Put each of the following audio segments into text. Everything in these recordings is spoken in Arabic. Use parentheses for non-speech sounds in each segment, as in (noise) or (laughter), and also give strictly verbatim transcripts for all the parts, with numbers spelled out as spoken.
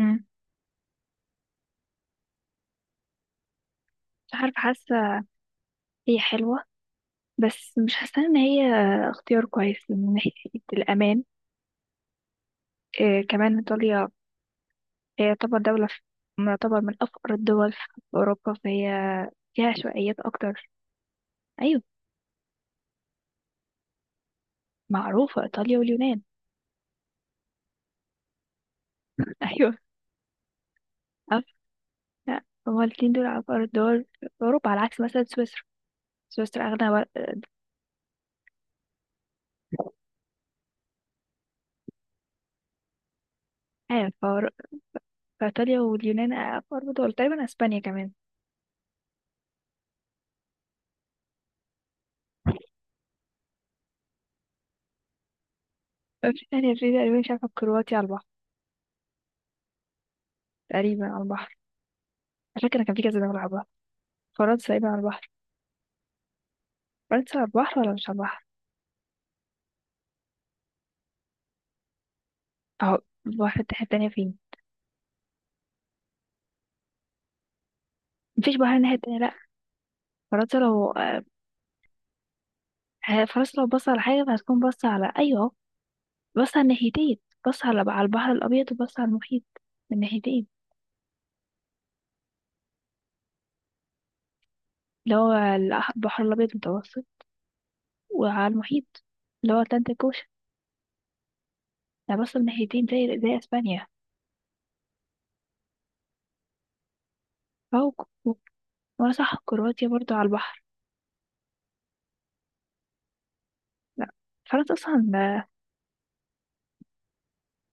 مم. مش عارفة حاسة. هي حلوة، بس مش حاسة ان هي اختيار كويس من ناحية الأمان. إيه كمان إيطاليا، هي طبعا دولة في- تعتبر من أفقر الدول في أوروبا، فهي فيها عشوائيات أكتر. أيوة، معروفة إيطاليا واليونان. (laughs) أيوة، عارفة. لا، هما الاتنين دول أفقر الدول في أوروبا، على عكس مثلا سويسرا. سويسرا أغنى و... آه، فأور- فإيطاليا واليونان أفقر دول، تقريبا أسبانيا كمان. (laughs) في تانية، في تقريبا مش عارفة كرواتيا على البحر، تقريبا على البحر. على فكرة كان في كذا دولة على البحر. فرنسا ايه على البحر؟ فرنسا على البحر ولا مش على البحر؟ اهو، البحر الناحية التانية فين؟ مفيش بحر الناحية التانية لأ. فرنسا لو آه، فرنسا لو بص على حاجة، هتكون بص على أيوه، بص على الناحيتين. بص على على البحر الأبيض، وبص على المحيط، من ناحيتين. اللي هو الأح- البحر الأبيض المتوسط وعلى المحيط، اللي هو أتلانتيك أوشن. ده بص من ناحيتين، زي زي أسبانيا. أهو ك- و- وأنا صح، كرواتيا برضو على البحر. لأ، فرنسا أصلا آه،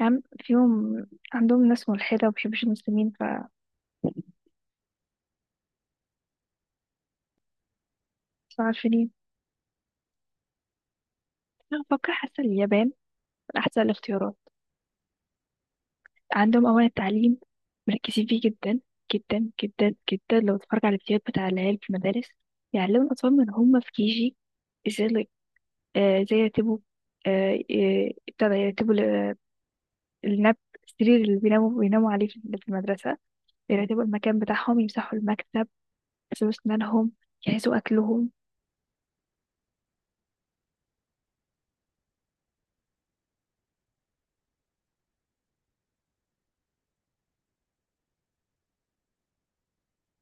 يعني فيهم، عندهم ناس ملحدة ومبيحبوش المسلمين ف مش عارفين. أنا بفكر حاسة اليابان من أحسن الاختيارات. عندهم أولا التعليم، مركزين فيه جدا، جدا جدا جدا. لو تتفرج على الفيديوهات بتاع العيال في المدارس، يعلموا الأطفال من هم في كيجي، ازاي ال- آه، ازاي يرتبوا، آه، آه، ابتدى يرتبوا ال- النب السرير اللي بيناموا بيناموا عليه في في المدرسة، يرتبوا المكان بتاعهم، يمسحوا المكتب، يغسلوا أسنانهم، يجهزوا أكلهم.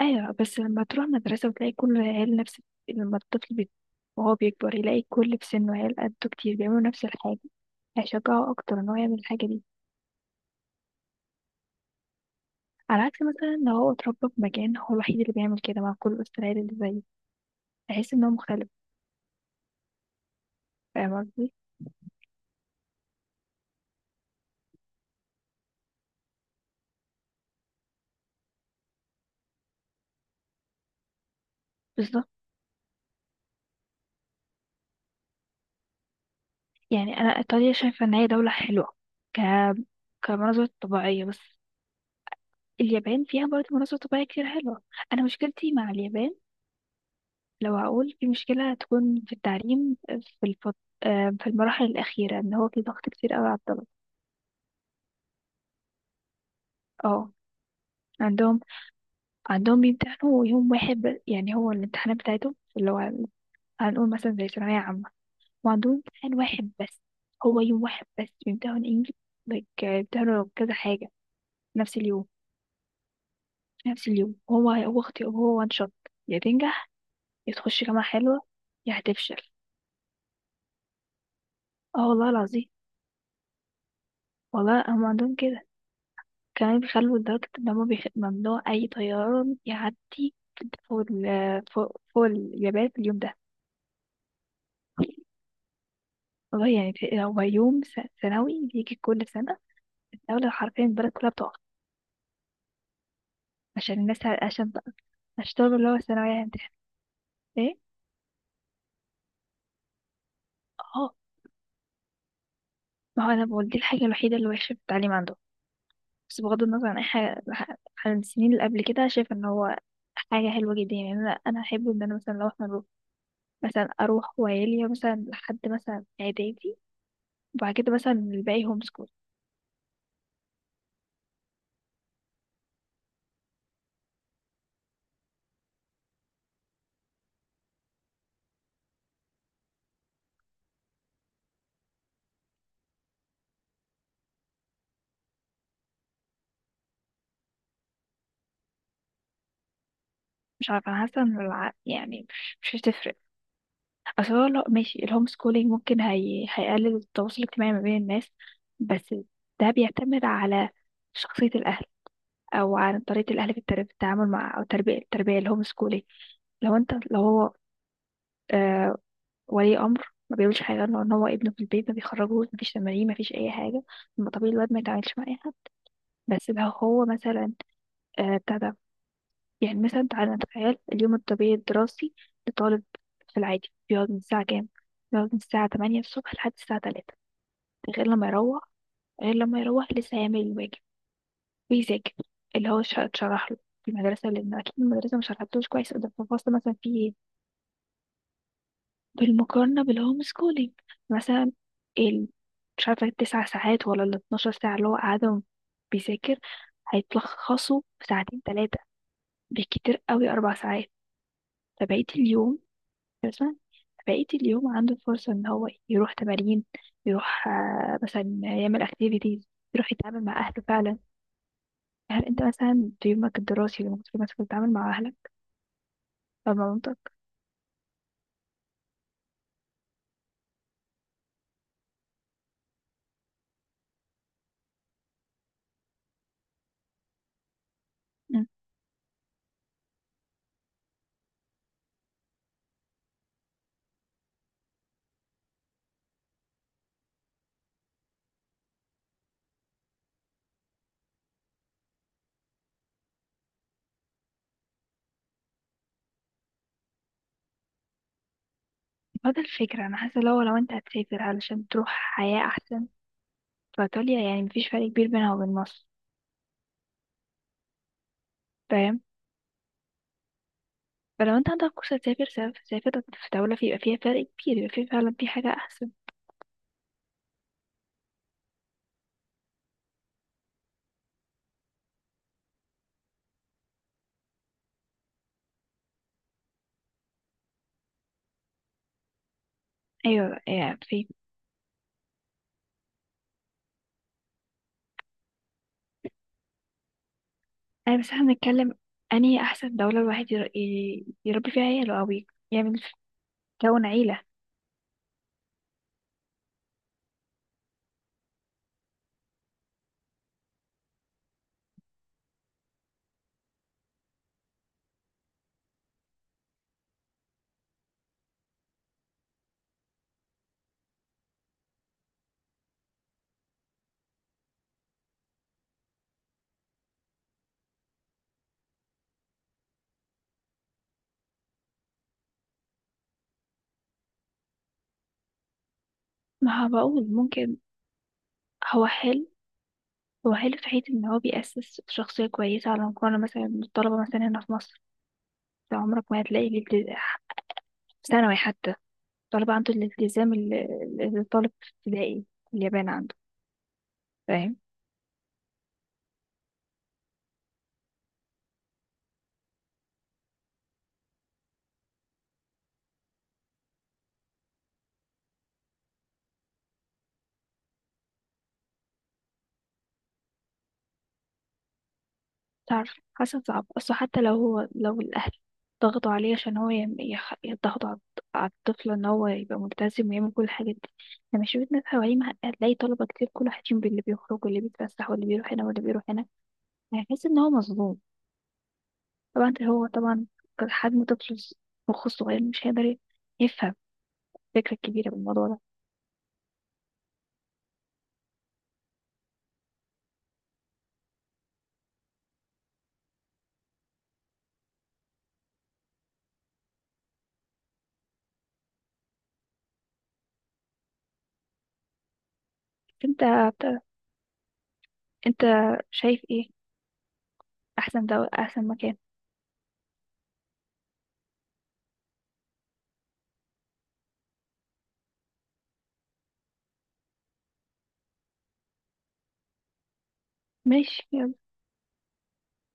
ايوه، بس لما تروح مدرسة وتلاقي كل العيال نفس، لما الطفل بي... وهو بيكبر يلاقي كل في سنه عيال قده كتير بيعملوا نفس الحاجة، هيشجعه أكتر إن هو يعمل الحاجة دي. على عكس مثلا لو هو اتربى في مكان هو الوحيد اللي بيعمل كده، مع كل وسط العيال اللي زيه هيحس إن هو مختلف. فاهم قصدي؟ بالظبط. يعني أنا إيطاليا شايفة إن هي دولة حلوة ك كمناظر طبيعية بس. اليابان فيها برضه مناظر طبيعية كتير حلوة. أنا مشكلتي مع اليابان، لو هقول في مشكلة هتكون في التعليم، في الفط... آه، في المراحل الأخيرة، إن هو في ضغط كتير أوي على الطلبة. اه. عندهم عندهم بيمتحنوا يوم واحد ب... يعني هو الامتحانات بتاعتهم اللي هو، هنقول مثلا زي ثانوية عامة، وعندهم امتحان واحد بس. هو يوم واحد بس بيمتحنوا إنجلش، like بيمتحنوا كذا حاجة في نفس اليوم. في نفس اليوم، هو هو اختي هو وان شوت. يا تنجح، يا تخش جامعة حلوة، يا هتفشل. اه والله العظيم، والله هم عندهم كده. كمان بيخلوا لدرجة إن هما بيخ... ممنوع أي طيران يعدي فوق ال... فوق... فوق اليابان في اليوم ده. والله يعني في- هو يوم س- سنوي بيجي كل سنة. الدولة حرفيا، البلد كلها بتقف عشان الناس ع- عشان بقى، عشان طلبة اللي هو الثانوية هيمتحن. ايه؟ اه، ما هو أنا بقول دي الحاجة الوحيدة اللي وحشة في التعليم عنده. بس بغض النظر عن أي حاجة، عن السنين اللي قبل كده، شايفة إن هو حاجة حلوة جدا. يعني أنا أنا أحب إن أنا مثلا لو إحنا نروح، مثلا أروح وعيلي مثلا لحد مثلا إعدادي، وبعد كده مثلا الباقي هوم سكول. مش عارفة، أنا حاسة إن الع- يعني مش مش هتفرق. أصل هو لو ماشي الهوم سكولينج، ممكن هي... هيقلل التواصل الاجتماعي ما بين الناس. بس ده بيعتمد على شخصية الأهل، أو على طريقة الأهل في التر- في التعامل مع أو التربية التربية الهوم سكولينج. لو أنت، لو هو آه ولي أمر ما بيقولش حاجة، لو إن هو ابنه في البيت ما بيخرجوش، مفيش تمارين مفيش أي حاجة، طب ما طبيعي الواد ما يتعاملش مع أي حد. بس لو هو مثلا آه بتاع ده، يعني مثلا تعالى نتخيل اليوم الطبيعي الدراسي لطالب. في العادي بيقعد من الساعة كام؟ بيقعد من الساعة تمانية الصبح لحد الساعة تلاتة. غير لما يروح، غير لما يروح لسه هيعمل الواجب ويذاكر اللي هو اتش- اتشرح له في المدرسة، لأن أكيد المدرسة مش شرحتلوش كويس ده في الفصل. مثلا فيه إيه؟ بالمقارنة بالهوم سكولينج مثلا، ال... مش عارفة التسع ساعات ولا ال اثنا عشر ساعة اللي هو قاعدهم بيذاكر، هيتلخصوا في ساعتين تلاتة، بالكتير قوي أربع ساعات. فبقية اليوم مثلا، بقية اليوم عنده فرصة ان هو يروح تمارين، يروح آه، مثلا يعمل اكتيفيتيز، يروح يتعامل مع اهله فعلا. هل انت مثلا في يومك الدراسي اللي المفروض مثلا تتعامل مع اهلك او مع مامتك؟ مم. فده الفكرة، انا حاسة لو، لو انت هتسافر علشان تروح حياة احسن، فايطاليا يعني مفيش فرق كبير بينها وبين مصر. فاهم؟ فلو انت عندك فرصة تسافر، سافر، سافر في دولة في- يبقى فيها فرق كبير، يبقى فيه فعلا في حاجة احسن. ايوه، يعني في، أي بس احنا بنتكلم أنهي أحسن دولة الواحد ير- ي- يربي فيها عياله، أو ي- يعمل، يكون عيلة. ما هو بقول ممكن. هو حلو، هو حلو في حيث إن هو بيأسس شخصية كويسة على مقارنة مثلا بالطلبة مثلا هنا في مصر. أنت عمرك ما هتلاقي الالتزام في ثانوي حتى، الطلبة عنده الالتزام اللي، اللي الطالب في ابتدائي في اليابان عنده. فاهم؟ تعرف حاسة صعب، أصل حتى لو هو لو الأهل ضغطوا عليه عشان هو يم- يخ- يضغطوا على على الطفل إن هو يبقى ملتزم ويعمل كل الحاجات دي، لما شفت ناس حواليه مه- هتلاقي طلبة كتير كل واحد فيهم باللي بيخرج واللي بيتفسح واللي بيروح هنا واللي بيروح هنا، يعني هيحس إن هو مظلوم. طبعا هو طبعا كحجم طفل ص- مخه صغير مش هيقدر يفهم الفكرة الكبيرة بالموضوع ده. أنت أنت شايف إيه أحسن، ده أحسن مكان؟ ماشي.